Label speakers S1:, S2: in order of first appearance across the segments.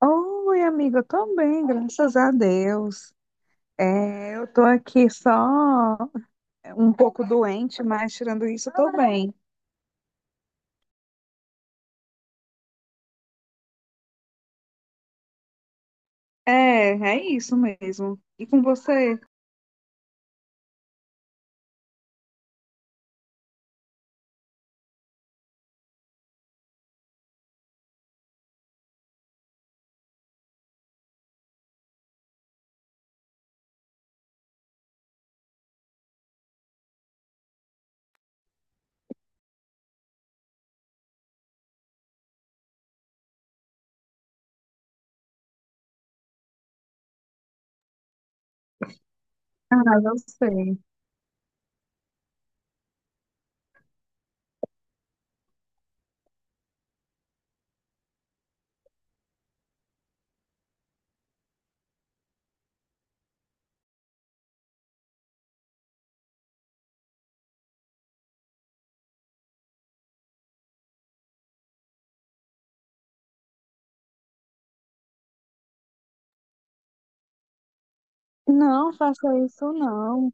S1: Oi, amiga, eu tô bem, graças a Deus. Eu tô aqui só um pouco doente, mas tirando isso, eu tô bem. É, é isso mesmo. E com você? Ah, eu sei. Não faça isso, não.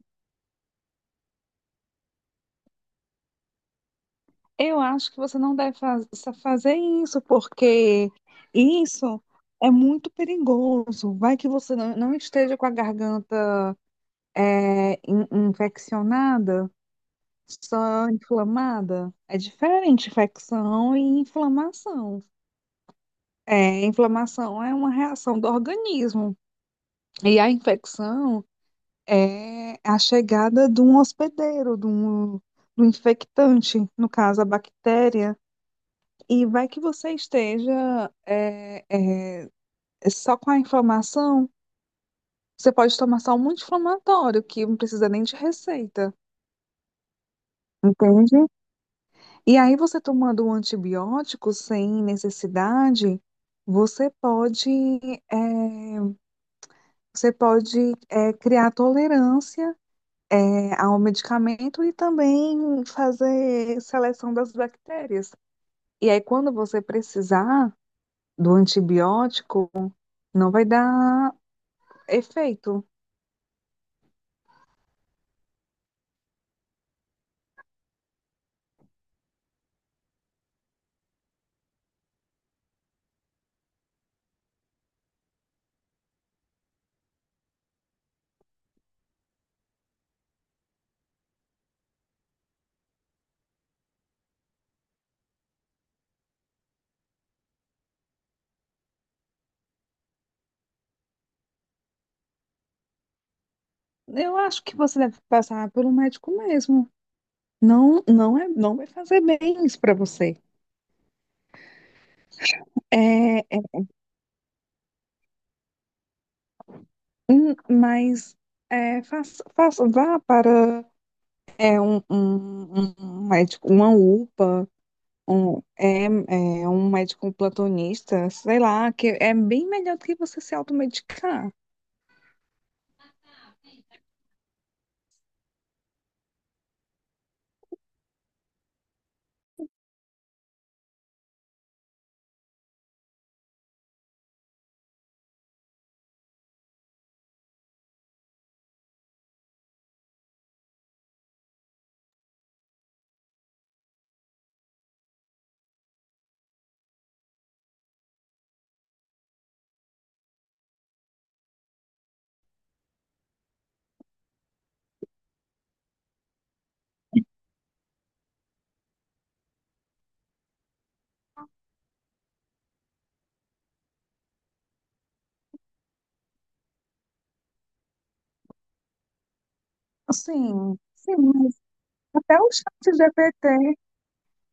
S1: Eu acho que você não fazer isso, porque isso é muito perigoso. Vai que você não esteja com a garganta infeccionada. Só inflamada? É diferente, infecção e inflamação. É, inflamação é uma reação do organismo. E a infecção é a chegada de um hospedeiro, do infectante, no caso a bactéria. E vai que você esteja só com a inflamação. Você pode tomar só um anti-inflamatório, que não precisa nem de receita. Entende? E aí, você tomando um antibiótico sem necessidade, você pode, eh, você pode criar tolerância ao medicamento e também fazer seleção das bactérias. E aí, quando você precisar do antibiótico, não vai dar efeito. Eu acho que você deve passar por um médico mesmo. Não, não é, não vai fazer bem isso para você. É, Mas vá para um médico, uma UPA, um médico plantonista, sei lá, que é bem melhor do que você se automedicar. Assim, sim, mas até o chat GPT,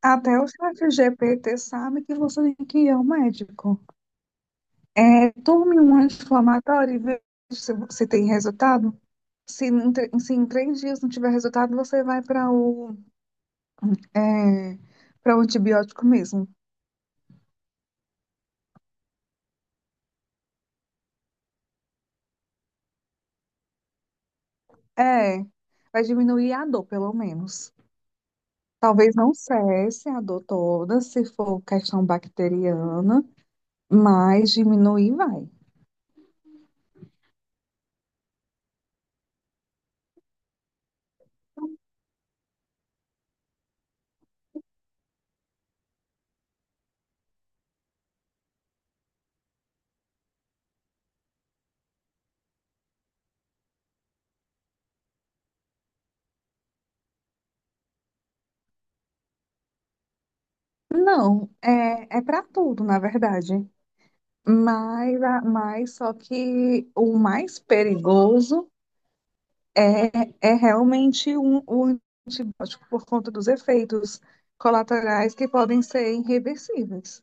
S1: até o chat GPT sabe que você tem que ir ao médico. É, tome um anti-inflamatório e veja se você tem resultado. Se em três dias não tiver resultado, você vai para É, para o antibiótico mesmo. É, vai diminuir a dor, pelo menos. Talvez não cesse a dor toda, se for questão bacteriana, mas diminuir vai. Não, é para tudo, na verdade. Mas só que o mais perigoso é, é realmente o antibiótico por conta dos efeitos colaterais que podem ser irreversíveis.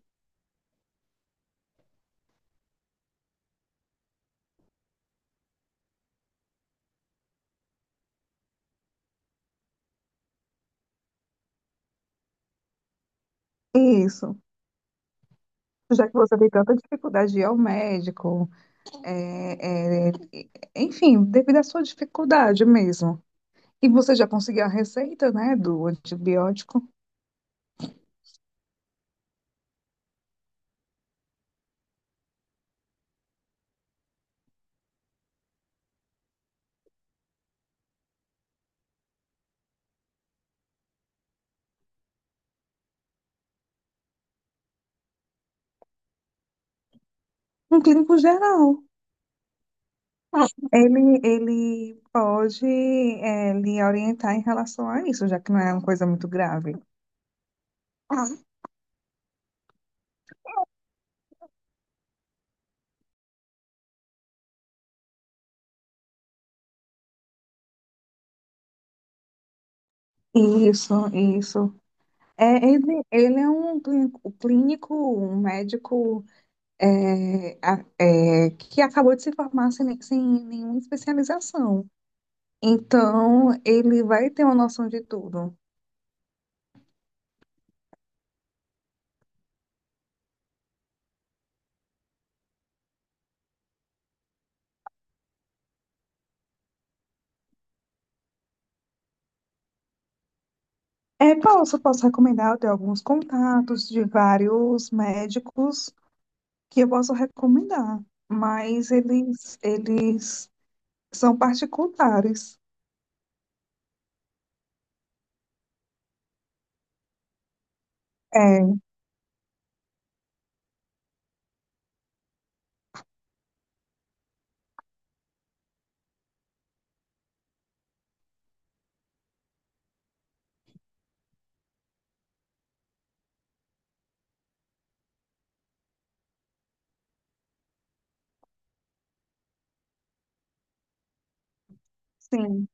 S1: Isso. Já que você tem tanta dificuldade de ir ao médico, é, é, enfim, devido à sua dificuldade mesmo. E você já conseguiu a receita, né, do antibiótico? Um clínico geral, ele pode, é, lhe orientar em relação a isso, já que não é uma coisa muito grave. Ah, isso, isso. É, ele é um clínico, um clínico, um médico que acabou de se formar sem nenhuma especialização. Então, ele vai ter uma noção de tudo. É, posso, posso recomendar. Eu tenho alguns contatos de vários médicos que eu posso recomendar, mas eles são particulares. É, sim.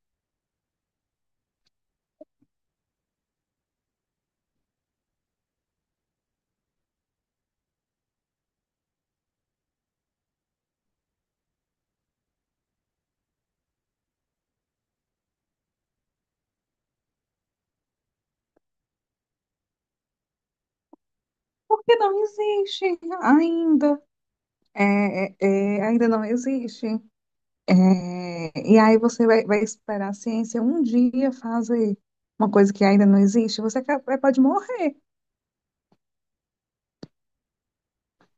S1: Porque não existe ainda. É, é, É, ainda não existe. É, e aí você vai, vai esperar a ciência um dia fazer uma coisa que ainda não existe, pode morrer.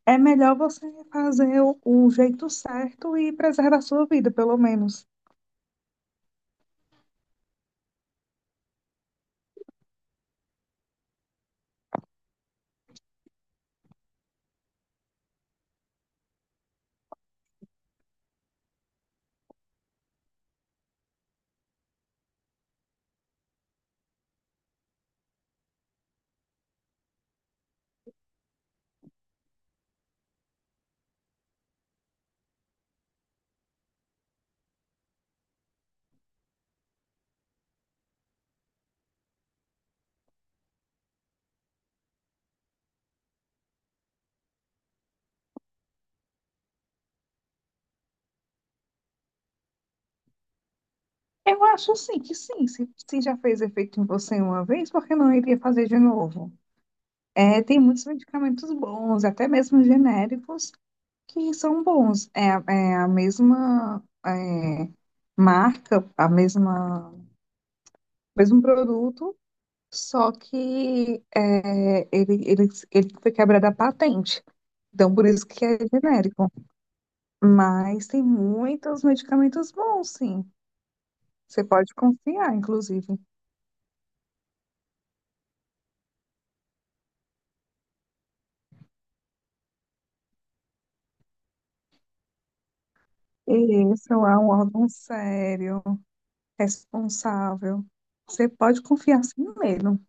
S1: É melhor você fazer o jeito certo e preservar a sua vida, pelo menos. Eu acho sim que sim. Se já fez efeito em você uma vez, por que não iria fazer de novo? É, tem muitos medicamentos bons, até mesmo genéricos, que são bons. É a mesma marca, a mesma, mesmo produto, só que ele foi quebrado a patente. Então, por isso que é genérico. Mas tem muitos medicamentos bons, sim. Você pode confiar, inclusive. E isso é um órgão sério, responsável. Você pode confiar sim mesmo.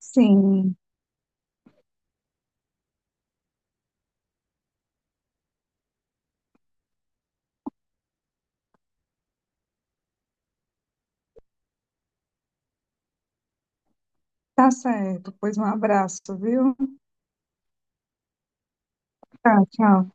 S1: Sim, tá certo. Pois um abraço, viu? Tá, tchau.